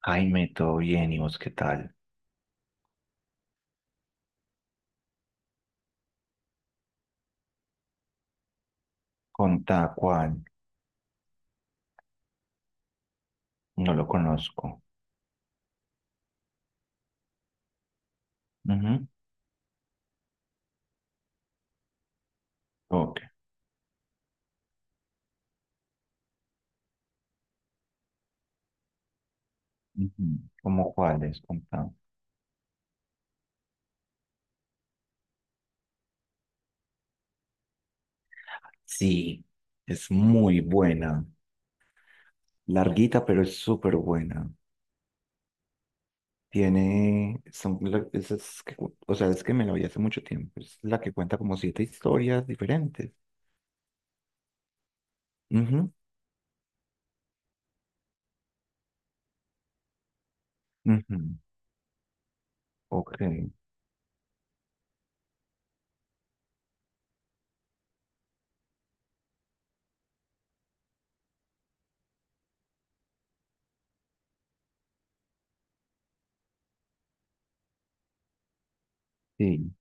Jaime, todo bien, ¿y vos qué tal? Contá cuál, no lo conozco. Ujú. Ok. Ujú. ¿Cómo cuáles es? Contá. Sí, es muy buena. Larguita, pero es súper buena. Tiene, son, esas que o sea, es que me la vi hace mucho tiempo. Es la que cuenta como siete historias diferentes. Ujú, ujú. Ok, sí.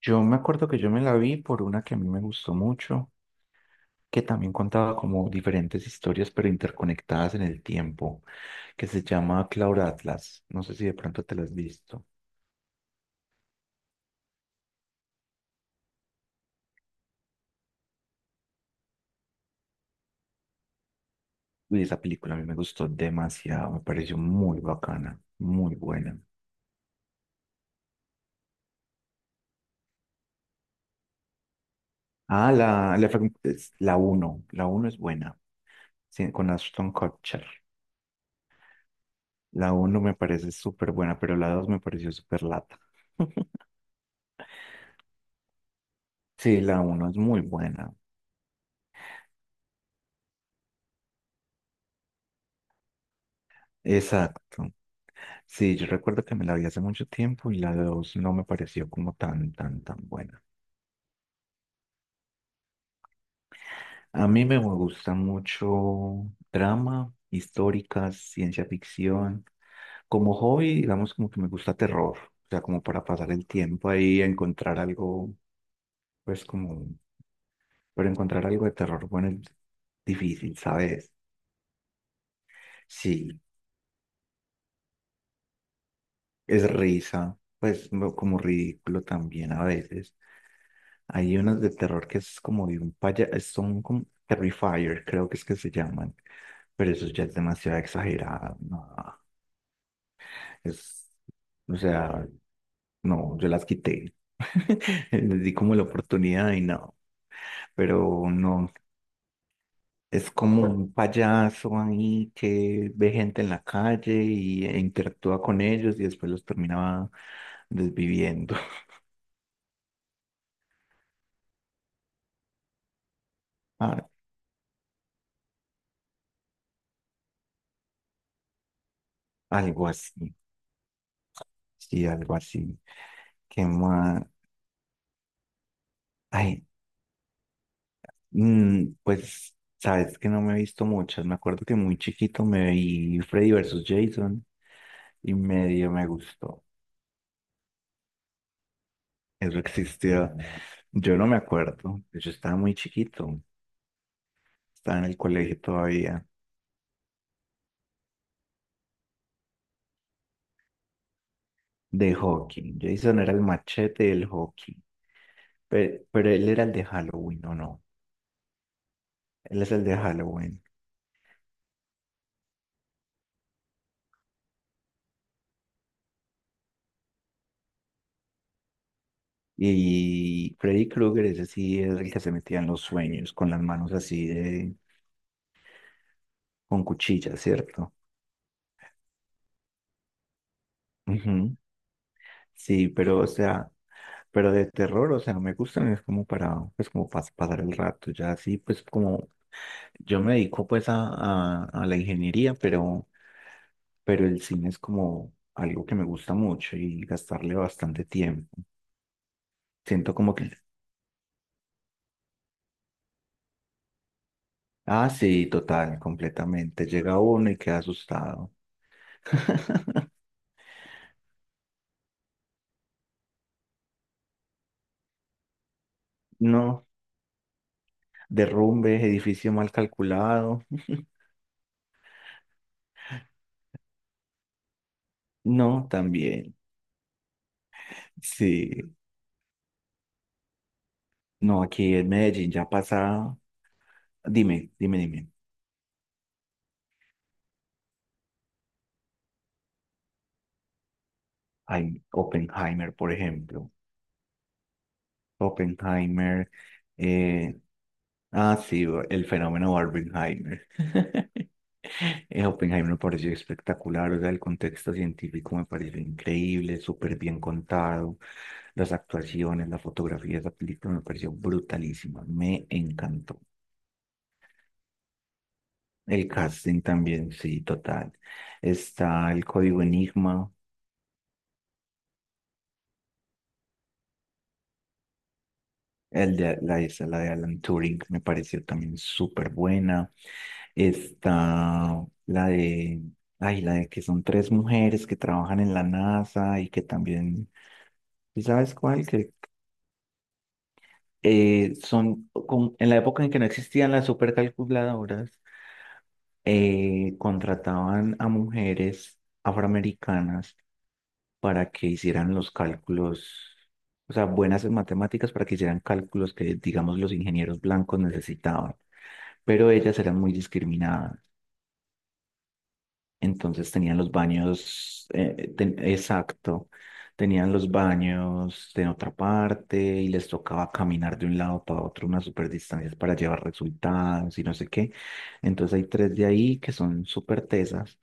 Yo me acuerdo que yo me la vi por una que a mí me gustó mucho, que también contaba como diferentes historias, pero interconectadas en el tiempo, que se llama Cloud Atlas. No sé si de pronto te la has visto. Y esa película a mí me gustó demasiado, me pareció muy bacana, muy buena. Ah, es la uno, la 1 es buena, sí, con Ashton Kutcher. La uno me parece súper buena, pero la 2 me pareció súper lata. Sí, la uno es muy buena. Exacto. Sí, yo recuerdo que me la vi hace mucho tiempo y la dos no me pareció como tan, tan buena. A mí me gusta mucho drama, históricas, ciencia ficción. Como hobby, digamos, como que me gusta terror, o sea, como para pasar el tiempo ahí, encontrar algo, pues como, pero encontrar algo de terror, bueno, es difícil, ¿sabes? Sí, es risa, pues como ridículo también a veces. Hay unas de terror que es como de un son como Terrifier, creo que es que se llaman, pero eso ya es demasiado exagerado, no, es, o sea, no, yo las quité, les di como la oportunidad y no, pero no, es como un payaso ahí que ve gente en la calle y, e interactúa con ellos y después los terminaba desviviendo. Ah, algo así, sí, algo así. Que más? Ay. Pues, sabes que no me he visto muchas. Me acuerdo que muy chiquito me vi Freddy versus Jason y medio me gustó. Eso existió. Yo no me acuerdo. Yo estaba muy chiquito. Estaba en el colegio todavía. De hockey. Jason era el machete del hockey. Pero él era el de Halloween, ¿o no? Él es el de Halloween. Y Freddy Krueger, ese sí es el que se metía en los sueños con las manos así de, con cuchillas, ¿cierto? Ujú. Sí, pero o sea, pero de terror, o sea, no me gustan, es como para, pues como para pasar el rato, ya así, pues como yo me dedico pues a, a la ingeniería, pero el cine es como algo que me gusta mucho y gastarle bastante tiempo. Siento como que, ah, sí, total, completamente, llega uno y queda asustado. No, derrumbe, edificio mal calculado. No, también, sí. No, aquí en Medellín ya pasa. Dime, dime, dime. Hay Oppenheimer, por ejemplo. Oppenheimer. eh, sí, el fenómeno Barbenheimer. Oppenheimer me pareció espectacular, o sea, el contexto científico me pareció increíble, súper bien contado, las actuaciones, la fotografía de esa película me pareció brutalísima, me encantó. El casting también, sí, total. Está el código Enigma. El de, la, esa, la de Alan Turing me pareció también súper buena. Está la de, ay, la de que son tres mujeres que trabajan en la NASA y que también, ¿sí sabes cuál? Que son, en la época en que no existían las supercalculadoras, contrataban a mujeres afroamericanas para que hicieran los cálculos, o sea, buenas en matemáticas para que hicieran cálculos que, digamos, los ingenieros blancos necesitaban. Pero ellas eran muy discriminadas. Entonces tenían los baños, exacto, tenían los baños en otra parte y les tocaba caminar de un lado para otro unas super distancias para llevar resultados y no sé qué. Entonces hay tres de ahí que son súper tesas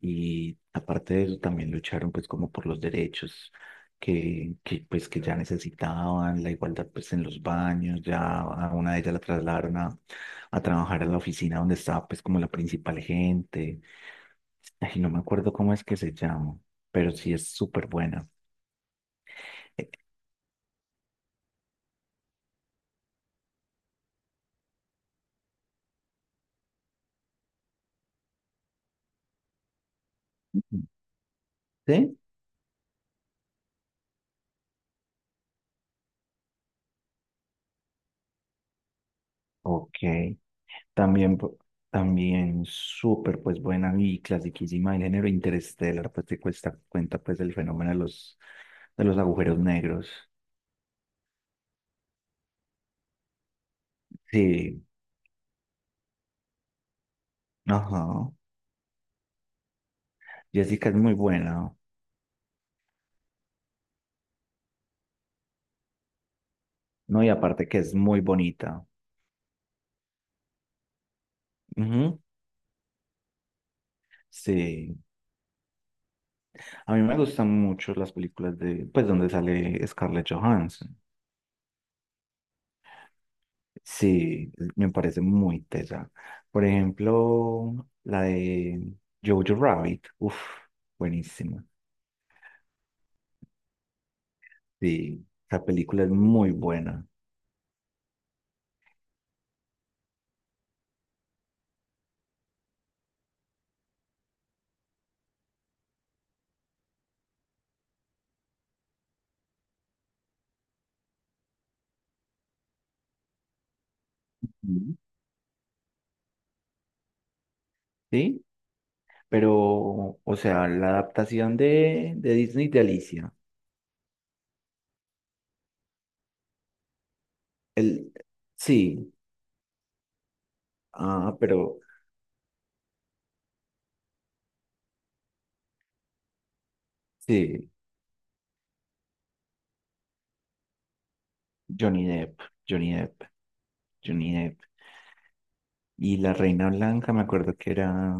y aparte de eso también lucharon pues como por los derechos que pues que ya necesitaban, la igualdad pues en los baños, ya a una de ellas la trasladaron a trabajar a la oficina donde estaba pues como la principal gente. Ay, no me acuerdo cómo es que se llama, pero sí es súper buena. Eh, ¿Sí? Ok. También, también súper pues buena y clasiquísima el género interestelar, pues te cuesta, cuenta pues del fenómeno de los agujeros negros. Sí, ajá. Jessica es muy buena, ¿no? Y aparte que es muy bonita. Ujú. Sí. A mí me gustan mucho las películas de, pues donde sale Scarlett Johansson. Sí, me parece muy tesa. Por ejemplo, la de Jojo Rabbit, uff, buenísima. Sí, esa película es muy buena. Ujú. ¿Sí? Pero, o sea, la adaptación de Disney de Alicia. El, sí, ah, pero sí, Johnny Depp, Johnny Depp, Johnny Depp. Y la Reina Blanca, me acuerdo que era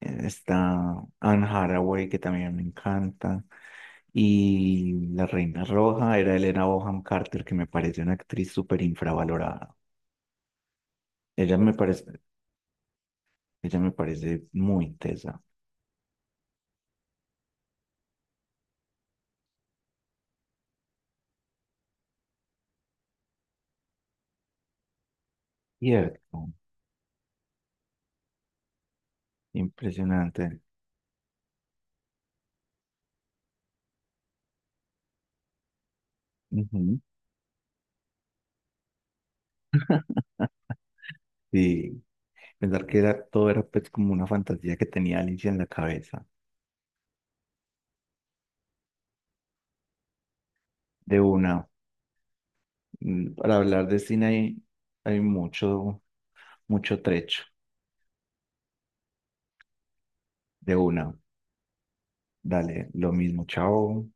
esta Anne Hathaway, que también me encanta. Y la Reina Roja era Elena Bonham Carter, que me parece una actriz súper infravalorada. Ella me parece, ella me parece muy tesa. Cierto, impresionante. Ujú. Sí, pensar que era, todo era pues como una fantasía que tenía Alicia en la cabeza. De una. Para hablar de cine hay, hay mucho, mucho trecho. De una, dale, lo mismo, chao.